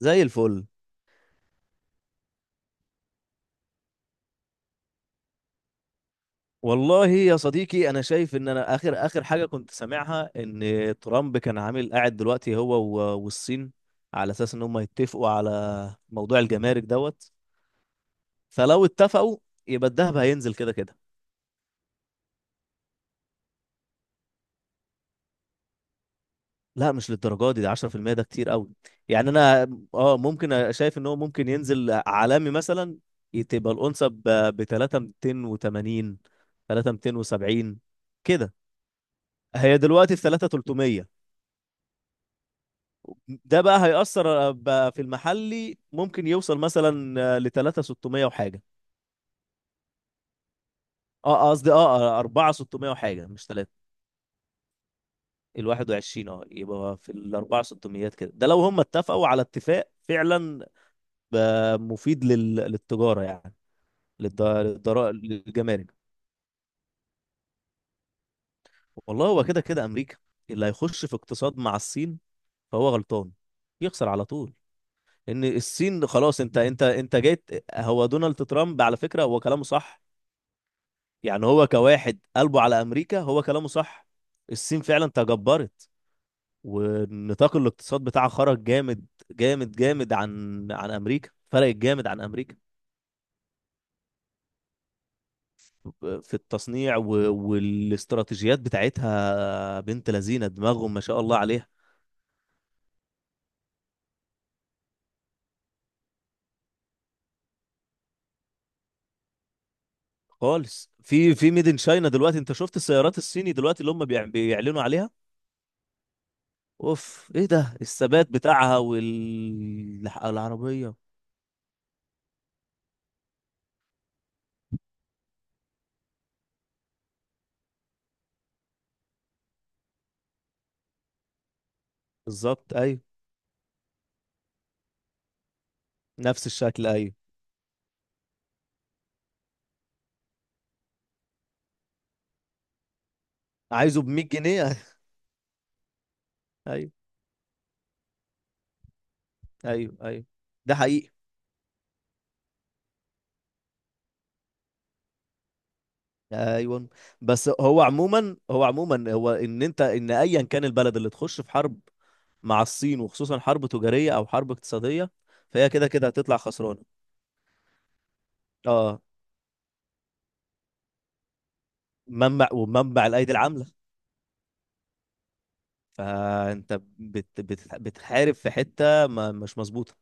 زي الفل. والله يا صديقي، انا شايف ان انا اخر اخر حاجه كنت سامعها ان ترامب كان عامل قاعد دلوقتي هو والصين، على اساس ان هم يتفقوا على موضوع الجمارك دوت. فلو اتفقوا يبقى الذهب هينزل كده كده. لا مش للدرجه دي، ده 10%، ده كتير قوي. يعني انا شايف ان هو ممكن ينزل عالمي مثلا، تبقى الأونصة ب 3280، 3270 كده. هي دلوقتي في 3300. ده بقى هيأثر بقى في المحلي، ممكن يوصل مثلا ل 3600 وحاجه. اه قصدي 4600 وحاجه، مش 3. ال 21، يبقى في ال 4600 كده، ده لو هم اتفقوا على اتفاق فعلا. مفيد للتجاره يعني، للجمارك. والله هو كده كده امريكا اللي هيخش في اقتصاد مع الصين، فهو غلطان، يخسر على طول. ان الصين خلاص. انت جيت. هو دونالد ترامب، على فكره هو كلامه صح. يعني هو كواحد قلبه على امريكا، هو كلامه صح. الصين فعلا تجبرت، ونطاق الاقتصاد بتاعها خرج جامد جامد جامد عن امريكا، فرقت جامد عن امريكا. في التصنيع والاستراتيجيات بتاعتها بنت لذينه دماغهم، ما شاء الله عليها. خالص في ميد ان شاينا. دلوقتي انت شفت السيارات الصيني دلوقتي اللي هم بيعلنوا عليها، اوف، ايه ده الثبات بتاعها والعربيه. بالظبط ايوه. نفس الشكل ايوه. عايزه ب 100 جنيه ايوه، ايوه، ايوه، ده حقيقي. ايوه. بس هو عموما، هو ان انت، ان ايا كان البلد اللي تخش في حرب مع الصين، وخصوصا حرب تجاريه او حرب اقتصاديه، فهي كده كده هتطلع خسرانه. اه. منبع ومنبع الايدي العامله. فانت بت بتحارب في حته ما مش مظبوطه.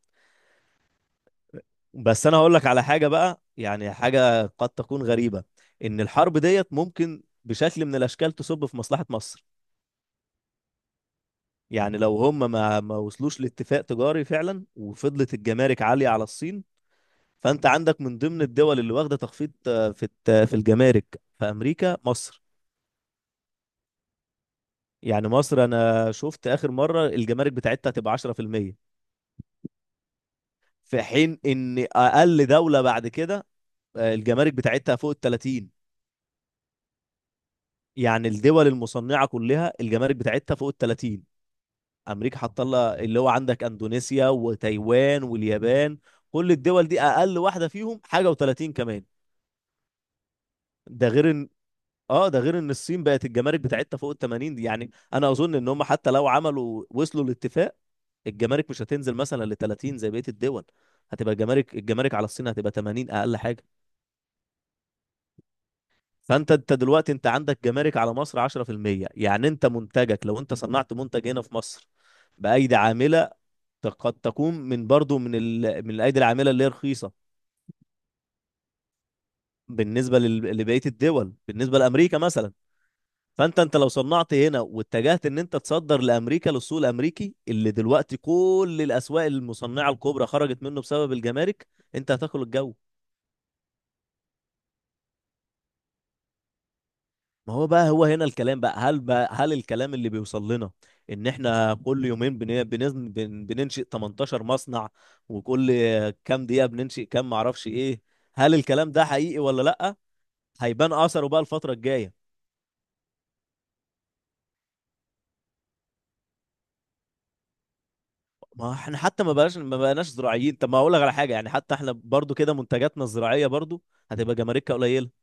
بس انا هقول لك على حاجه بقى، يعني حاجه قد تكون غريبه، ان الحرب ديت ممكن بشكل من الاشكال تصب في مصلحه مصر. يعني لو هم ما وصلوش لاتفاق تجاري فعلا، وفضلت الجمارك عالية على الصين، فانت عندك من ضمن الدول اللي واخدة تخفيض في الجمارك في امريكا، مصر. يعني مصر، انا شفت اخر مرة الجمارك بتاعتها تبقى 10% في المية، في حين ان اقل دولة بعد كده الجمارك بتاعتها فوق ال 30. يعني الدول المصنعة كلها الجمارك بتاعتها فوق ال 30. امريكا حاطه لها، اللي هو عندك اندونيسيا وتايوان واليابان، كل الدول دي اقل واحده فيهم حاجه و30 كمان. ده غير ان، الصين بقت الجمارك بتاعتها فوق ال 80 دي. يعني انا اظن ان هم حتى لو عملوا وصلوا لاتفاق، الجمارك مش هتنزل مثلا ل 30 زي بقيه الدول. هتبقى الجمارك على الصين هتبقى 80 اقل حاجه. فانت دلوقتي انت عندك جمارك على مصر 10%. يعني انت منتجك لو انت صنعت منتج هنا في مصر بايدي عامله، قد تكون من برضو من الايدي العامله اللي هي رخيصه، بالنسبه لبقيه الدول، بالنسبه لامريكا مثلا. فانت لو صنعت هنا واتجهت ان انت تصدر لامريكا، للسوق الامريكي اللي دلوقتي كل الاسواق المصنعه الكبرى خرجت منه بسبب الجمارك، انت هتاكل الجو. ما هو بقى هو هنا الكلام بقى، هل الكلام اللي بيوصل لنا ان احنا كل يومين بننشئ 18 مصنع، وكل كام دقيقه بننشئ كام معرفش ايه، هل الكلام ده حقيقي ولا لا؟ هيبان اثره بقى الفتره الجايه. ما احنا حتى ما بقناش زراعيين. طب ما اقول لك على حاجه، يعني حتى احنا برضو كده منتجاتنا الزراعيه برضو هتبقى جماركها قليله.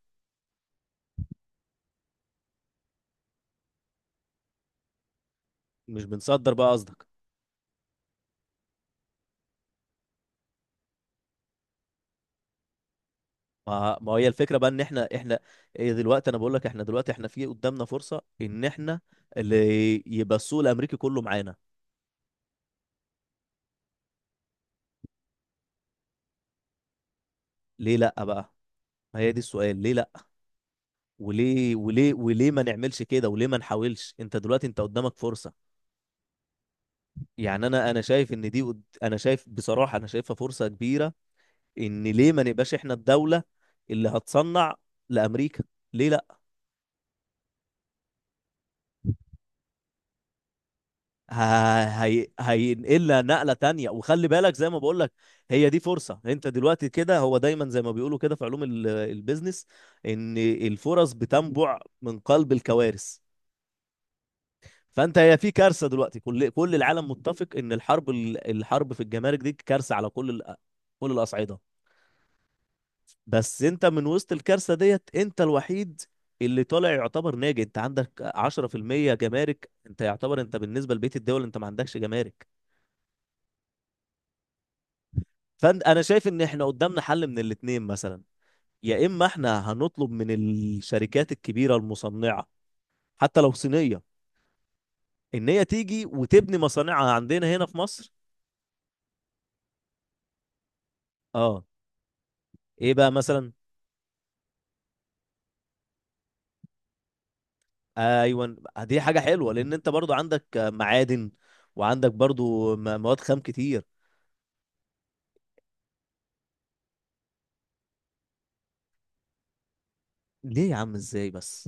مش بنصدر بقى قصدك. ما هي الفكره بقى، ان احنا، ايه، دلوقتي انا بقول لك احنا دلوقتي احنا في قدامنا فرصه، ان احنا اللي يبقى السوق الامريكي كله معانا. ليه لا بقى. ما هي دي السؤال، ليه لا. وليه ما نعملش كده، وليه ما نحاولش. انت دلوقتي انت قدامك فرصه. يعني انا شايف ان دي انا شايف بصراحه انا شايفها فرصه كبيره، ان ليه ما نبقاش احنا الدولة اللي هتصنع لامريكا، ليه لا. هينقلها نقلة تانية، وخلي بالك زي ما بقول لك، هي دي فرصة. انت دلوقتي كده، هو دايما زي ما بيقولوا كده في علوم البيزنس، ان الفرص بتنبع من قلب الكوارث. فانت هي في كارثة دلوقتي، كل العالم متفق ان الحرب، الحرب في الجمارك دي كارثة على كل الأصعدة. بس انت من وسط الكارثة ديت، انت الوحيد اللي طالع يعتبر ناجي. انت عندك 10% جمارك، انت يعتبر انت بالنسبة لبقية الدول انت ما عندكش جمارك. فانا شايف ان احنا قدامنا حل من الاتنين مثلا. يا اما احنا هنطلب من الشركات الكبيرة المصنعة، حتى لو صينية، ان هي تيجي وتبني مصانعها عندنا هنا في مصر. اه. ايه بقى مثلا. ايوه. دي حاجة حلوة، لان انت برضو عندك معادن، وعندك برضو مواد خام كتير. ليه يا عم، ازاي بس.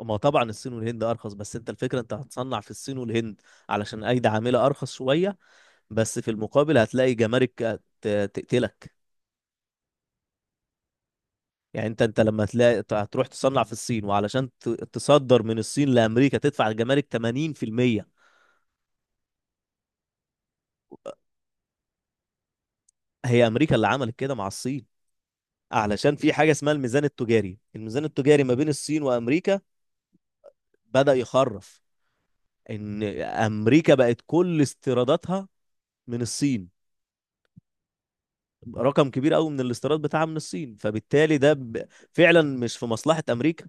ما طبعا الصين والهند ارخص، بس انت الفكره انت هتصنع في الصين والهند علشان ايدي عامله ارخص شويه، بس في المقابل هتلاقي جمارك تقتلك. يعني انت لما تلاقي هتروح تصنع في الصين، وعلشان تصدر من الصين لامريكا تدفع الجمارك 80%. هي امريكا اللي عملت كده مع الصين، علشان في حاجه اسمها الميزان التجاري. ما بين الصين وامريكا بدأ يخرف. ان امريكا بقت كل استيراداتها من الصين، رقم كبير قوي من الاستيراد بتاعها من الصين، فبالتالي فعلا مش في مصلحة امريكا.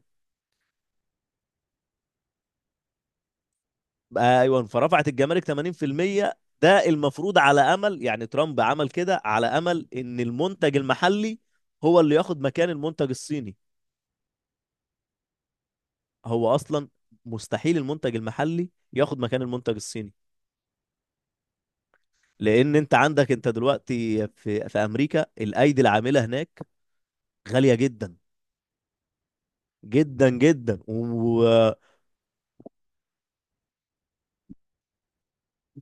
بقى ايوه، فرفعت الجمارك 80%. ده المفروض على امل، يعني ترامب عمل كده على امل ان المنتج المحلي هو اللي ياخد مكان المنتج الصيني. هو اصلا مستحيل المنتج المحلي ياخد مكان المنتج الصيني، لان انت عندك انت دلوقتي في امريكا الايدي العامله هناك غاليه جدا، جدا جدا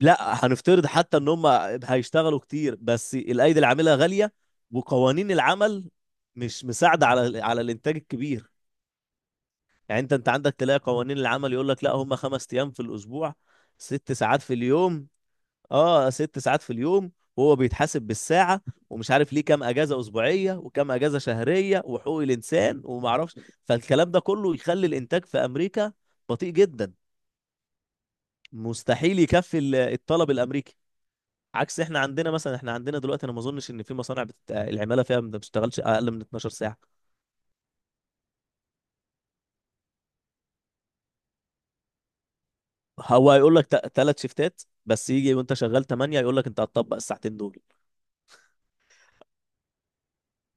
لا هنفترض حتى ان هم هيشتغلوا كتير بس الايدي العامله غاليه، وقوانين العمل مش مساعده على الانتاج الكبير. يعني انت عندك تلاقي قوانين العمل يقول لك لا، هم خمس ايام في الاسبوع، ست ساعات في اليوم. اه ست ساعات في اليوم، وهو بيتحاسب بالساعه. ومش عارف ليه كام اجازه اسبوعيه، وكام اجازه شهريه، وحقوق الانسان وما اعرفش. فالكلام ده كله يخلي الانتاج في امريكا بطيء جدا، مستحيل يكفي الطلب الامريكي. عكس احنا عندنا مثلا، احنا عندنا دلوقتي انا ما اظنش ان في مصانع العماله فيها ما بتشتغلش اقل من 12 ساعه. هو هيقول لك ثلاث شيفتات بس، يجي وانت شغال 8 يقول لك انت هتطبق الساعتين دول.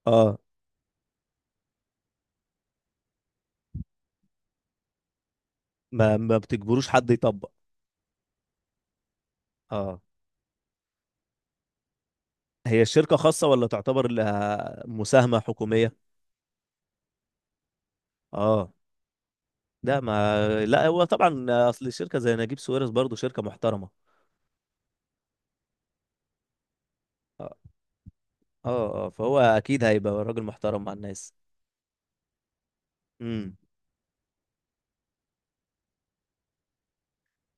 اه، ما بتجبروش حد يطبق. اه. هي الشركه خاصه ولا تعتبر لها مساهمه حكوميه؟ اه. لا ما لا، هو طبعا اصل الشركه زي نجيب ساويرس برضو شركه محترمه. اه، اه. فهو اكيد هيبقى راجل محترم مع الناس. امم.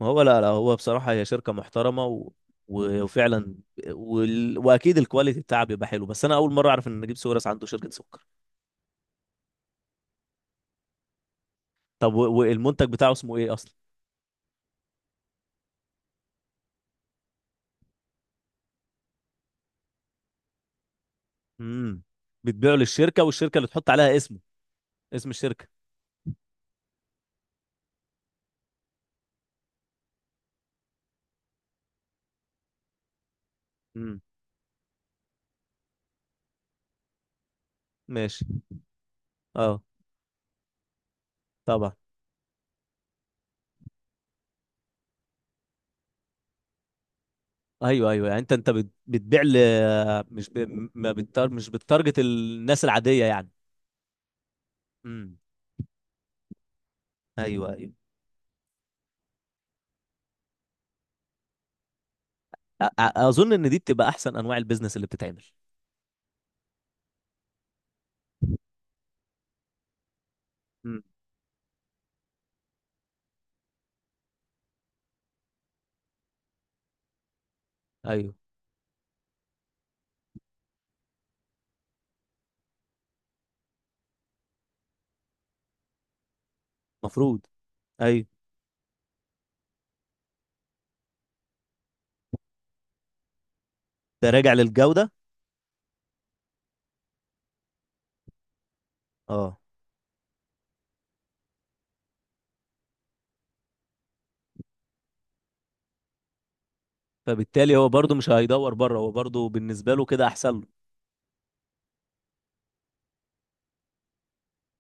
ما هو لا لا، هو بصراحة هي شركة محترمة وفعلا، واكيد الكواليتي بتاعها بيبقى حلو. بس انا اول مرة اعرف ان نجيب ساويرس عنده شركة سكر. طب والمنتج بتاعه اسمه ايه اصلا. امم. بتبيعه للشركة، والشركة اللي تحط عليها اسمه اسم الشركة. امم. ماشي. اه طبعا. ايوه، ايوه. يعني انت بتبيع مش ب... ما بتار... مش بتارجت الناس العادية، يعني. امم. ايوه، ايوه. أ... أ- اظن ان دي بتبقى احسن انواع البيزنس اللي بتتعمل. امم. ايوه مفروض، ايوه. ده راجع للجودة. اه. فبالتالي هو برضو مش هيدور بره، هو برضو بالنسبة له كده احسن له.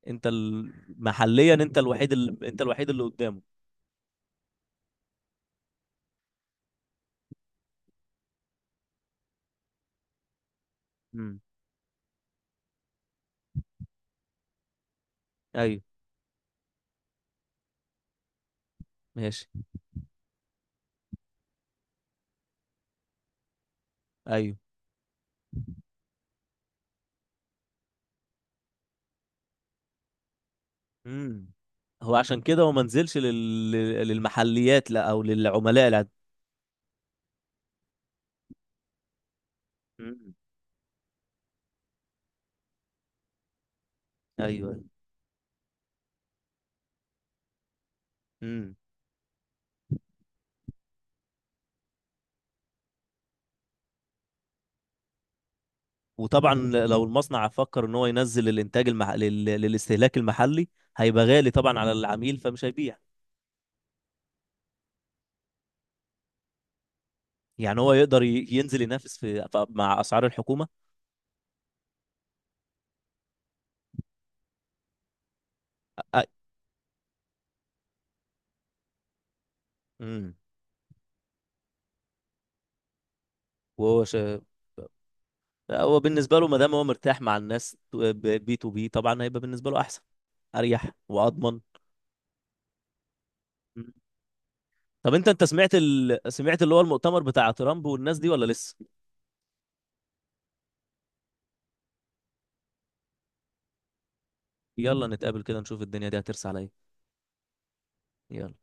انت ال- محليا انت الوحيد اللي قدامه. امم. ايوه. ماشي. ايوه. امم. هو عشان كده هو ما نزلش للمحليات، لا، او للعملاء العاديين. امم. ايوه. امم. وطبعا لو المصنع فكر ان هو ينزل الانتاج للاستهلاك المحلي، هيبقى غالي طبعا على العميل، فمش هيبيع. يعني هو يقدر ينزل ينافس مع اسعار الحكومة. أ- امم. وهو شا... هو بالنسبة له ما دام هو مرتاح مع الناس بي تو بي، طبعا هيبقى بالنسبة له أحسن، أريح وأضمن. مم. طب أنت سمعت سمعت اللي هو المؤتمر بتاع ترامب والناس دي ولا لسه؟ يلا نتقابل كده نشوف الدنيا دي هترسى على إيه. يلا.